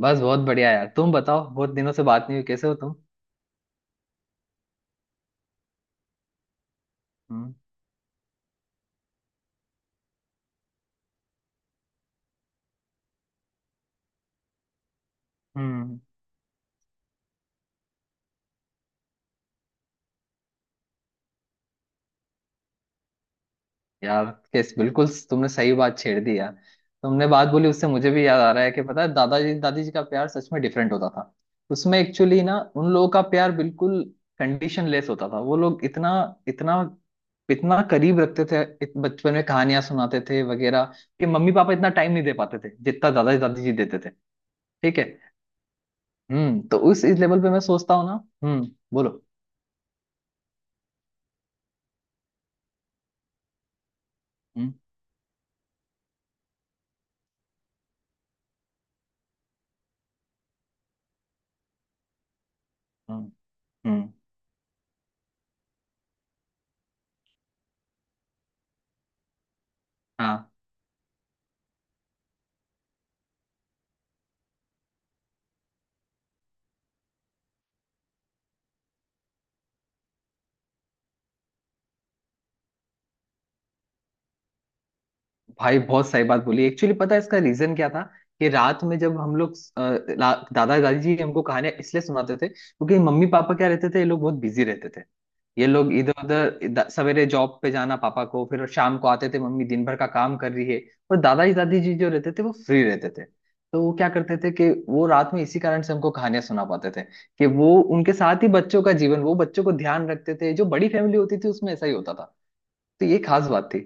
बस बहुत बढ़िया यार। तुम बताओ, बहुत दिनों से बात नहीं हुई, कैसे हो तुम? हम्म। हम्म। यार, कैस बिल्कुल तुमने सही बात छेड़ दी यार। तुमने बात बोली, उससे मुझे भी याद आ रहा है कि पता है दादाजी दादी जी का प्यार सच में डिफरेंट होता था। उसमें एक्चुअली ना उन लोगों का प्यार बिल्कुल कंडीशन लेस होता था। वो लोग इतना इतना इतना करीब रखते थे, बचपन में कहानियां सुनाते थे वगैरह कि मम्मी पापा इतना टाइम नहीं दे पाते थे जितना दादाजी दादी जी देते थे। ठीक है। हम्म। तो उस इस लेवल पे मैं सोचता हूँ ना। हम्म। बोलो। हम्म। हम्म। हाँ। भाई बहुत सही बात बोली। एक्चुअली पता है इसका रीजन क्या था कि रात में जब हम लोग दादा दादी जी हमको कहानियां इसलिए सुनाते थे, क्योंकि मम्मी पापा क्या रहते थे, ये लोग बहुत बिजी रहते थे। ये लोग इधर उधर, सवेरे जॉब पे जाना पापा को, फिर शाम को आते थे, मम्मी दिन भर का काम कर रही है। और दादा जी दादी जी जो रहते थे वो फ्री रहते थे। तो वो क्या करते थे कि वो रात में इसी कारण से हमको कहानियां सुना पाते थे, कि वो उनके साथ ही बच्चों का जीवन, वो बच्चों को ध्यान रखते थे। जो बड़ी फैमिली होती थी उसमें ऐसा ही होता था। तो ये खास बात थी।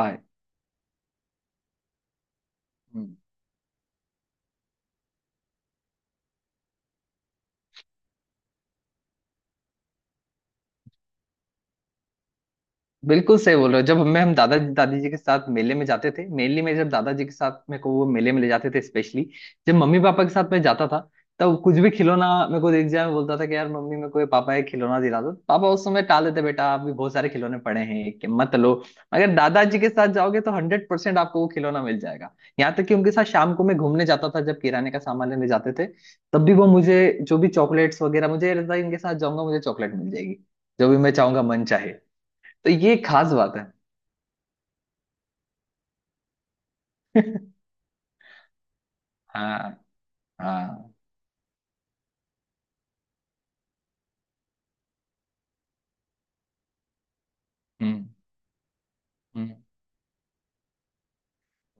बाय। बिल्कुल सही बोल रहे हो। जब हमें हम दादा दादी जी के साथ मेले में जाते थे, मेनली मैं, जब दादाजी के साथ मेरे को वो मेले में ले जाते थे स्पेशली, जब मम्मी पापा के साथ मैं जाता था, तब कुछ भी खिलौना मेरे को देख जाए, मैं बोलता था कि यार मम्मी मेरे को ये, पापा ये खिलौना दिला दो। पापा उस समय टाल देते, बेटा अभी बहुत सारे खिलौने पड़े हैं कि मत लो। अगर दादाजी के साथ जाओगे तो 100% आपको वो खिलौना मिल जाएगा। यहाँ तक कि उनके साथ शाम को मैं घूमने जाता था, जब किराने का सामान लेने जाते थे, तब भी वो मुझे जो भी चॉकलेट्स वगैरह, मुझे ये रहता है इनके साथ जाऊंगा मुझे चॉकलेट मिल जाएगी, जो भी मैं चाहूंगा मन चाहे। तो ये खास बात है। हाँ। हाँ। हम्म। हम्म।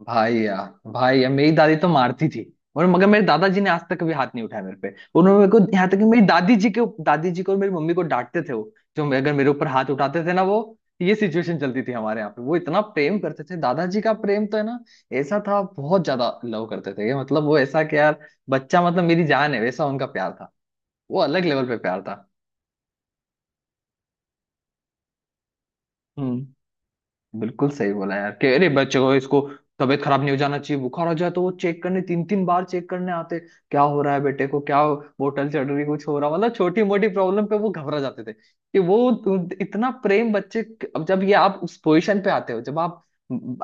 भाई यार, भाई यार मेरी दादी तो मारती थी। और मगर मेरे दादाजी ने आज तक कभी हाथ नहीं उठाया मेरे पे। उन्होंने मेरे को, यहाँ तक कि मेरी दादी जी के, दादी जी को और मेरी मम्मी को डांटते थे वो, जो अगर मेरे ऊपर हाथ उठाते थे ना वो। ये सिचुएशन चलती थी हमारे यहाँ पे। वो इतना प्रेम करते थे, दादाजी का प्रेम तो है ना, ऐसा था। बहुत ज्यादा लव करते थे ये, मतलब वो ऐसा कि यार बच्चा मतलब मेरी जान है, वैसा उनका प्यार था। वो अलग लेवल पे प्यार था। बिल्कुल सही बोला यार कि अरे बच्चे को, इसको तबीयत खराब नहीं हो जाना चाहिए, बुखार हो जाए तो वो चेक करने, तीन तीन बार चेक करने आते, क्या हो रहा है बेटे को, क्या बोतल चढ़ रही, कुछ हो रहा, मतलब छोटी मोटी प्रॉब्लम पे वो घबरा जाते थे कि वो तो इतना प्रेम बच्चे। अब जब ये आप उस पोजीशन पे आते हो जब आप,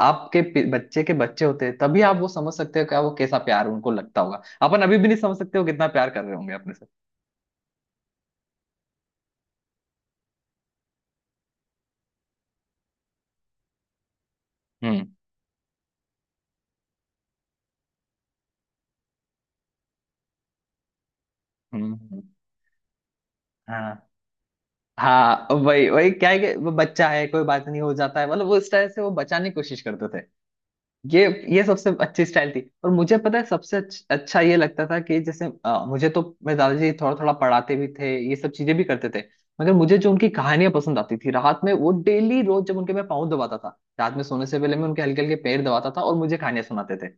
बच्चे के बच्चे होते हैं, तभी आप वो समझ सकते हो क्या वो कैसा प्यार उनको लगता होगा। अपन अभी भी नहीं समझ सकते हो कितना प्यार कर रहे होंगे अपने से। हम्म। हम्म। हम्म। हाँ। हाँ वही वही क्या है कि वो बच्चा है, कोई बात नहीं हो जाता है, मतलब वो उस तरह से वो बचाने की कोशिश करते थे। ये ये सबसे अच्छी स्टाइल थी। और मुझे पता है सबसे अच्छा ये लगता था कि जैसे मुझे तो मेरे दादाजी थोड़ा थोड़ा पढ़ाते भी थे, ये सब चीजें भी करते थे। मगर मुझे जो उनकी कहानियां पसंद आती थी रात में, वो डेली रोज जब उनके मैं पाँव दबाता था रात में, सोने से पहले मैं उनके हल्के हल्के पैर दबाता था और मुझे कहानियां सुनाते थे।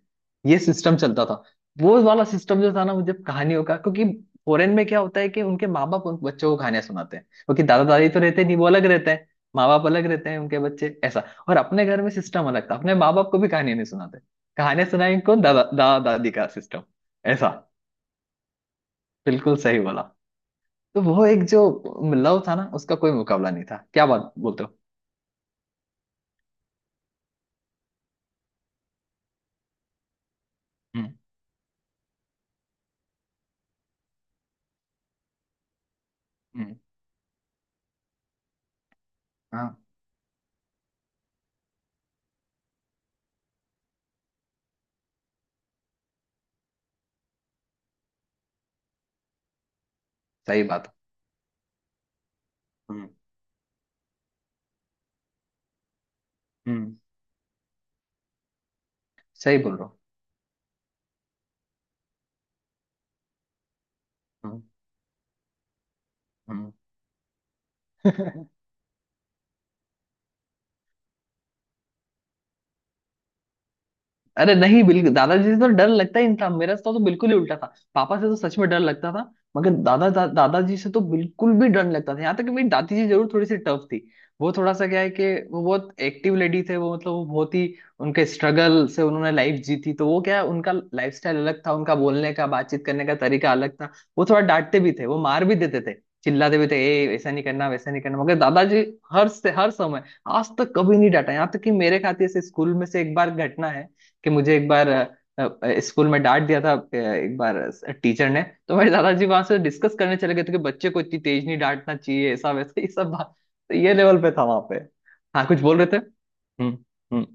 ये सिस्टम चलता था, वो वाला सिस्टम जो था ना मुझे कहानियों का। क्योंकि फॉरेन में क्या होता है कि उनके माँ बाप उन बच्चों को कहानियां सुनाते हैं, क्योंकि दादा दादी तो रहते नहीं, वो अलग रहते हैं, माँ बाप अलग रहते हैं, उनके बच्चे ऐसा। और अपने घर में सिस्टम अलग था। अपने माँ बाप को भी कहानियां नहीं सुनाते, कहानियां सुनाई कौन, दादा दादा दादी का सिस्टम। ऐसा। बिल्कुल सही बोला। तो वो एक जो लव था ना, उसका कोई मुकाबला नहीं था, क्या बात बोलते हो। हम्म। हम्म। हाँ। सही बात। हम्म। हम्म। सही बोल रहा। हम्म। हम्म। हूँ। अरे नहीं बिल्कुल दादाजी से तो डर लगता ही नहीं था। मेरा तो बिल्कुल ही उल्टा था। पापा से तो सच में डर लगता था, मगर दादाजी से तो बिल्कुल भी डर नहीं लगता था। यहाँ तक कि मेरी दादी जी जरूर थोड़ी सी टफ थी। वो थोड़ा सा क्या है कि वो बहुत एक्टिव लेडी थे वो, मतलब वो बहुत ही, उनके स्ट्रगल से उन्होंने लाइफ जीती। तो वो क्या है, उनका लाइफ स्टाइल अलग था, उनका बोलने का बातचीत करने का तरीका अलग था। वो थोड़ा डांटते भी थे, वो मार भी देते थे, चिल्लाते भी थे, ए ऐसा नहीं करना वैसा नहीं करना। मगर दादाजी हर समय आज तक कभी नहीं डांटा। यहाँ तक कि मेरे खाते से स्कूल में से एक बार घटना है कि मुझे एक बार, स्कूल में डांट दिया था, एक बार टीचर ने। तो मेरे दादाजी वहां से डिस्कस करने चले गए थे कि बच्चे को इतनी तेज नहीं डांटना चाहिए, ऐसा वैसा ये सब बात। तो ये लेवल पे था वहां पे। हाँ कुछ बोल रहे थे। हम्म। हम्म।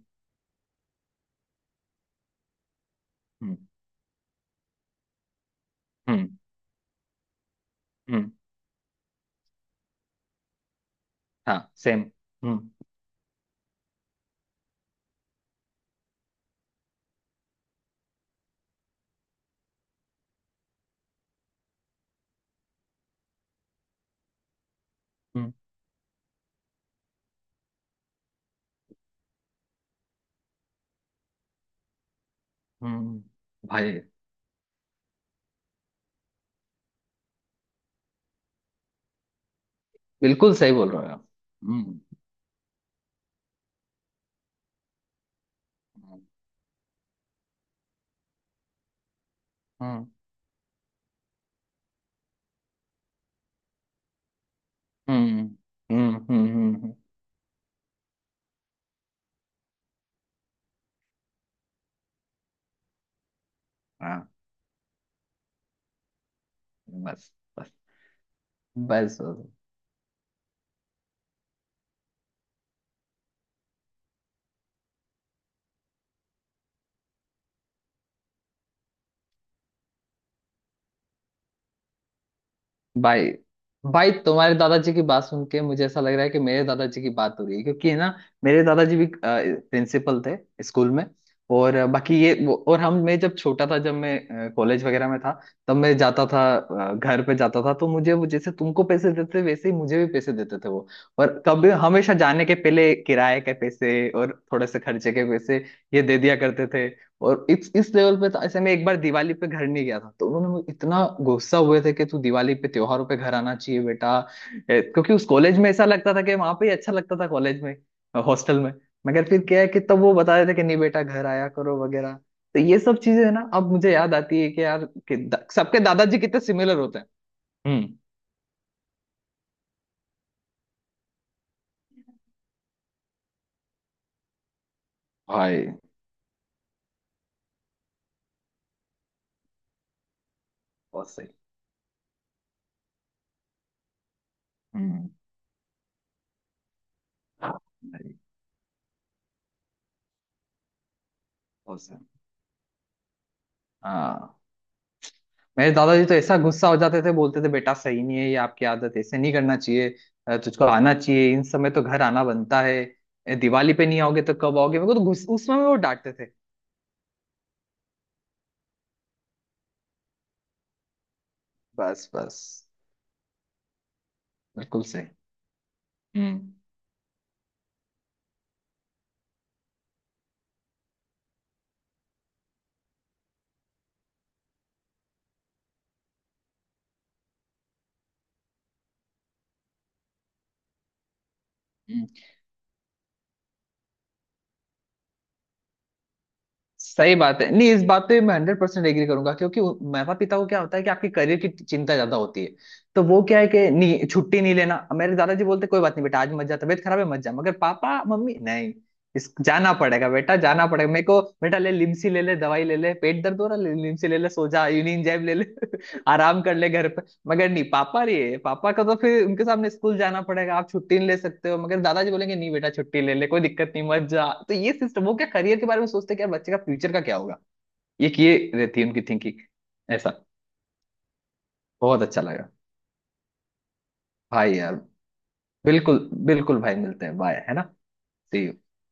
हम्म। हम्म। हम्म। हाँ सेम। हम्म। हम्म। हम्म। भाई बिल्कुल सही बोल रहे हो आप। हम्म। हम्म। हम्म। हम्म। हम्म। हम्म। हम्म। हाँ। बस बस। बस बस। भाई, भाई तुम्हारे दादाजी की बात सुन के मुझे ऐसा लग रहा है कि मेरे दादाजी की बात हो रही है, क्योंकि है ना, मेरे दादाजी भी प्रिंसिपल थे स्कूल में। और बाकी और हम मैं जब छोटा था, जब मैं कॉलेज वगैरह में था, तब मैं जाता था, घर पे जाता था, तो मुझे वो जैसे तुमको पैसे देते वैसे ही मुझे भी पैसे देते थे वो। और कभी हमेशा जाने के पहले किराए के पैसे और थोड़े से खर्चे के पैसे ये दे दिया करते थे। और इस लेवल पे तो ऐसे, मैं एक बार दिवाली पे घर नहीं गया था तो उन्होंने मुझे, इतना गुस्सा हुए थे कि तू दिवाली पे त्योहारों पे घर आना चाहिए बेटा। ए, क्योंकि उस कॉलेज में ऐसा लगता था कि वहां पे ही अच्छा लगता था, कॉलेज में, हॉस्टल में। मगर फिर क्या है कि तब वो बता रहे थे कि नहीं बेटा घर आया करो वगैरह। तो ये सब चीजें है ना, अब मुझे याद आती है कि यार कि सबके दादाजी कितने सिमिलर होते हैं। हम्म। भाई बहुत सही। हम्म। भाई बहुत सही। हाँ। मेरे दादाजी तो ऐसा गुस्सा हो जाते थे, बोलते थे बेटा सही नहीं है ये आपकी आदत, ऐसे नहीं करना चाहिए, तुझको आना चाहिए, इन समय तो घर आना बनता है। ए, दिवाली पे नहीं आओगे तो कब आओगे, मेरे को तो गुस्सा उस समय वो डांटते थे। बस बस। बिल्कुल सही। हम्म। सही बात है, नहीं इस बात पे मैं 100% एग्री करूंगा, क्योंकि माता पिता को क्या होता है कि आपके करियर की चिंता ज्यादा होती है। तो वो क्या है कि नहीं छुट्टी नहीं लेना, मेरे दादाजी बोलते कोई बात नहीं बेटा आज मत जा, तबीयत खराब है मत जा। मगर पापा मम्मी नहीं, इस जाना पड़ेगा बेटा जाना पड़ेगा, मेरे को बेटा ले लिमसी ले ले, दवाई ले ले, पेट दर्द हो रहा ले लिमसी ले ले, सो जा, यूनियन जैब ले ले आराम कर ले घर। मगर नहीं पापा लिए, पापा का तो फिर उनके सामने स्कूल जाना पड़ेगा, आप छुट्टी नहीं ले सकते हो। मगर दादाजी बोलेंगे नहीं बेटा छुट्टी ले ले कोई दिक्कत नहीं मत जा। तो ये सिस्टम, वो क्या करियर के बारे में सोचते हैं कि यार बच्चे का फ्यूचर का क्या होगा, ये किए रहती है उनकी थिंकिंग। ऐसा। बहुत अच्छा लगा। भाई यार बिल्कुल बिल्कुल। भाई मिलते हैं, बाय है ना। See you.